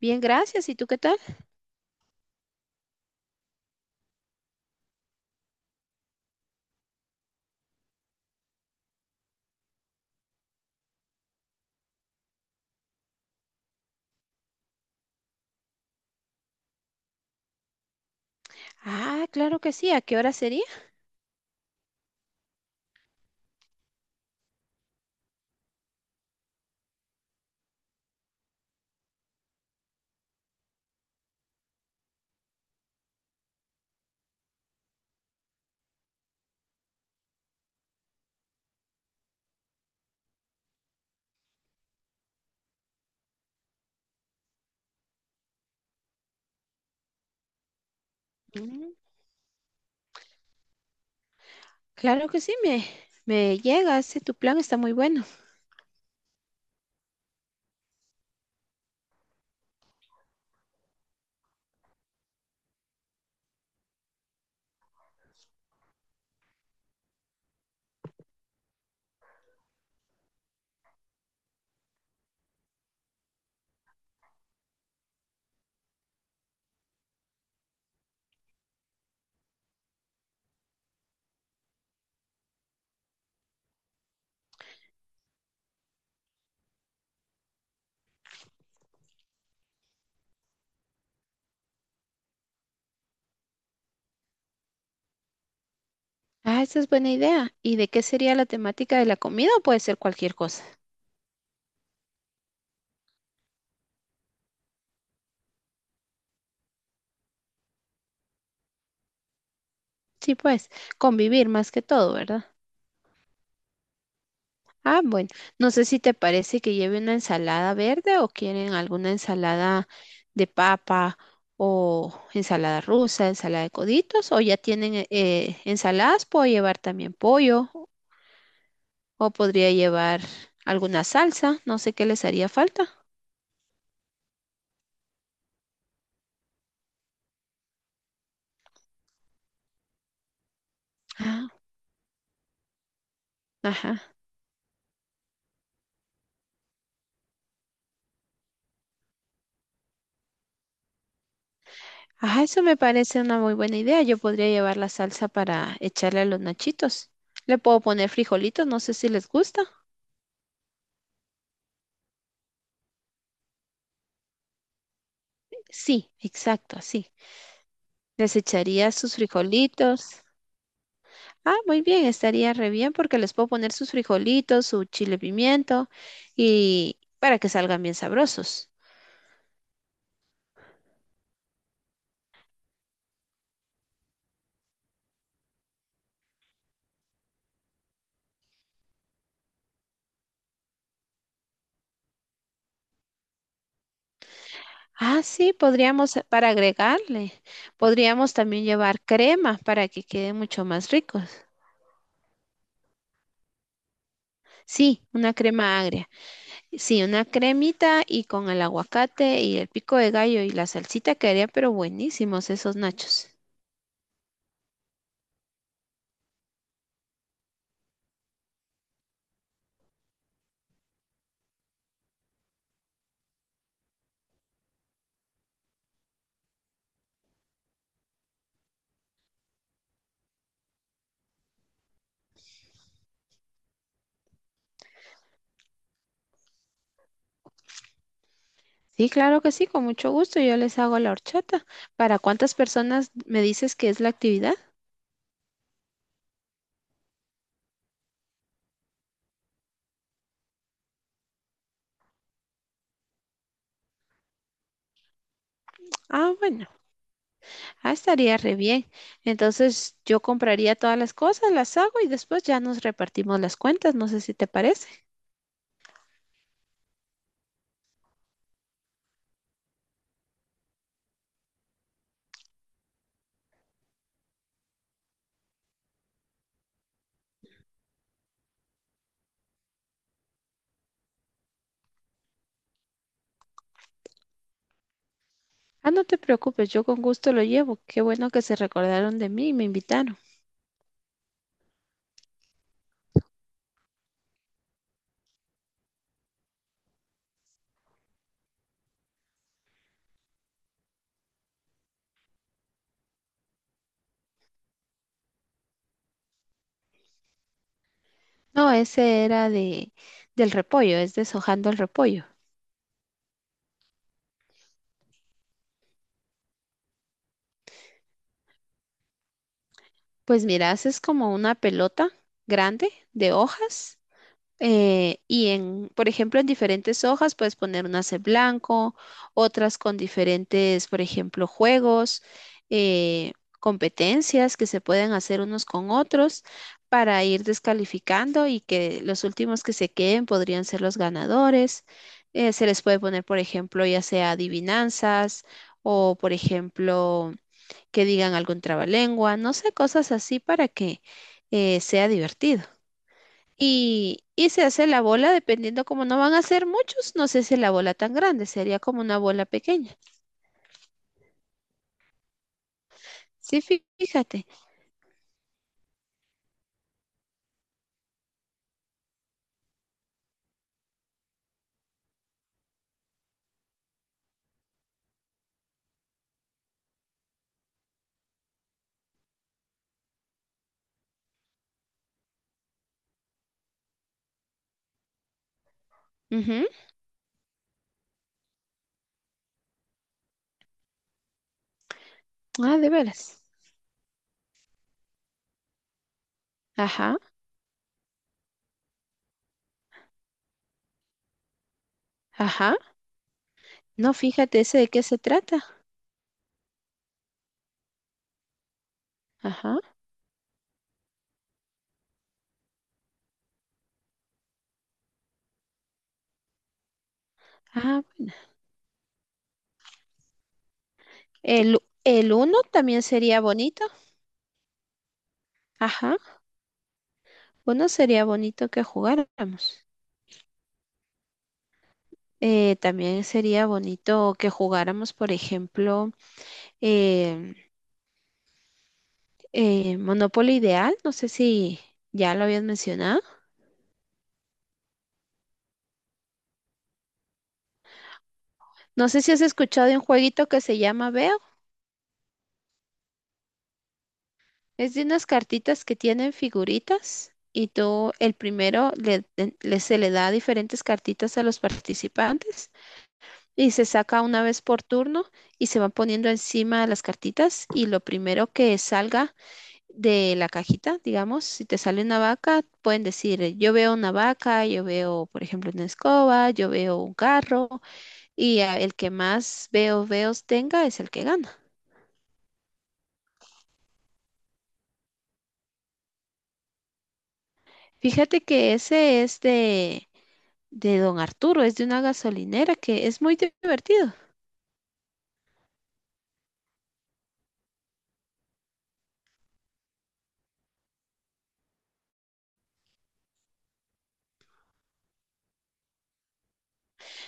Bien, gracias. ¿Y tú qué tal? Ah, claro que sí. ¿A qué hora sería? Mm, claro que sí, me llega. Ese tu plan está muy bueno. Ah, esa es buena idea. ¿Y de qué sería la temática de la comida o puede ser cualquier cosa? Sí, pues, convivir más que todo, ¿verdad? Ah, bueno, no sé si te parece que lleve una ensalada verde o quieren alguna ensalada de papa o ensalada rusa, ensalada de coditos o ya tienen ensaladas, puedo llevar también pollo. O podría llevar alguna salsa, no sé qué les haría falta. Ah, ajá. Ajá, eso me parece una muy buena idea. Yo podría llevar la salsa para echarle a los nachitos. Le puedo poner frijolitos, no sé si les gusta. Sí, exacto, sí. Les echaría sus frijolitos. Ah, muy bien, estaría re bien porque les puedo poner sus frijolitos, su chile pimiento y para que salgan bien sabrosos. Ah, sí, podríamos, para agregarle, podríamos también llevar crema para que quede mucho más ricos. Sí, una crema agria. Sí, una cremita y con el aguacate y el pico de gallo y la salsita quedaría, pero buenísimos esos nachos. Sí, claro que sí, con mucho gusto. Yo les hago la horchata. ¿Para cuántas personas me dices que es la actividad? Ah, bueno, ah, estaría re bien. Entonces yo compraría todas las cosas, las hago y después ya nos repartimos las cuentas. No sé si te parece. Ah, no te preocupes, yo con gusto lo llevo. Qué bueno que se recordaron de mí y me invitaron. No, ese era de del repollo, es deshojando el repollo. Pues mira, haces como una pelota grande de hojas, y en, por ejemplo, en diferentes hojas puedes poner unas de blanco, otras con diferentes, por ejemplo, juegos, eh, competencias que se pueden hacer unos con otros para ir descalificando y que los últimos que se queden podrían ser los ganadores. Se les puede poner, por ejemplo, ya sea adivinanzas o, por ejemplo, que digan algún trabalengua, no sé, cosas así para que sea divertido. Y se hace la bola dependiendo como no van a ser muchos, no se hace la bola tan grande, sería como una bola pequeña. Sí, fíjate. Ujú. Ah, de veras. Ajá, ajá. No, fíjate ese de qué se trata. Ajá. Ah, bueno. El uno también sería bonito. Ajá. Uno sería bonito que jugáramos. También sería bonito que jugáramos, por ejemplo, em, Monopoly Ideal. No sé si ya lo habías mencionado. No sé si has escuchado de un jueguito que se llama Veo. Es de unas cartitas que tienen figuritas y tú, el primero, se le da diferentes cartitas a los participantes y se saca una vez por turno y se van poniendo encima de las cartitas y lo primero que salga de la cajita, digamos, si te sale una vaca, pueden decir, yo veo una vaca, yo veo, por ejemplo, una escoba, yo veo un carro y ah, el que más veo, veos tenga es el que gana. Fíjate que ese es de Don Arturo, es de una gasolinera que es muy divertido.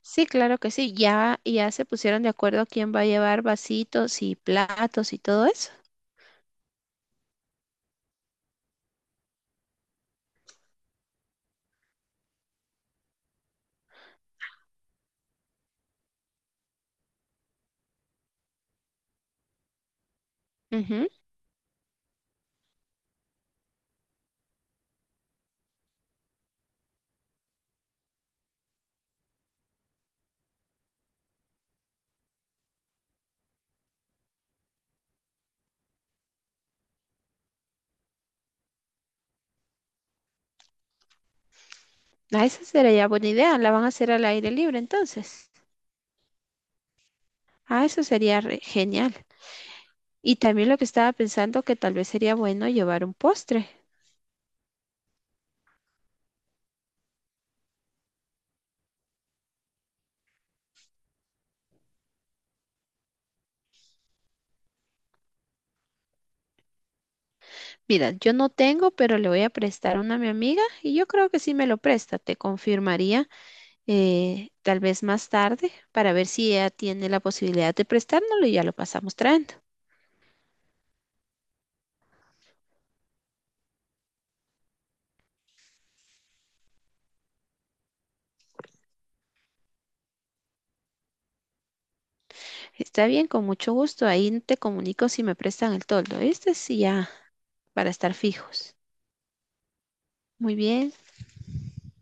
Sí, claro que sí. Ya se pusieron de acuerdo quién va a llevar vasitos y platos y todo eso. Ujú. Ah, esa sería buena idea. La van a hacer al aire libre entonces. Ah, eso sería genial. Y también lo que estaba pensando que tal vez sería bueno llevar un postre. Mira, yo no tengo, pero le voy a prestar uno a mi amiga y yo creo que sí me lo presta. Te confirmaría tal vez más tarde para ver si ella tiene la posibilidad de prestárnoslo y ya lo pasamos trayendo. Está bien, con mucho gusto. Ahí te comunico si me prestan el toldo. Este sí ya para estar fijos. Muy bien.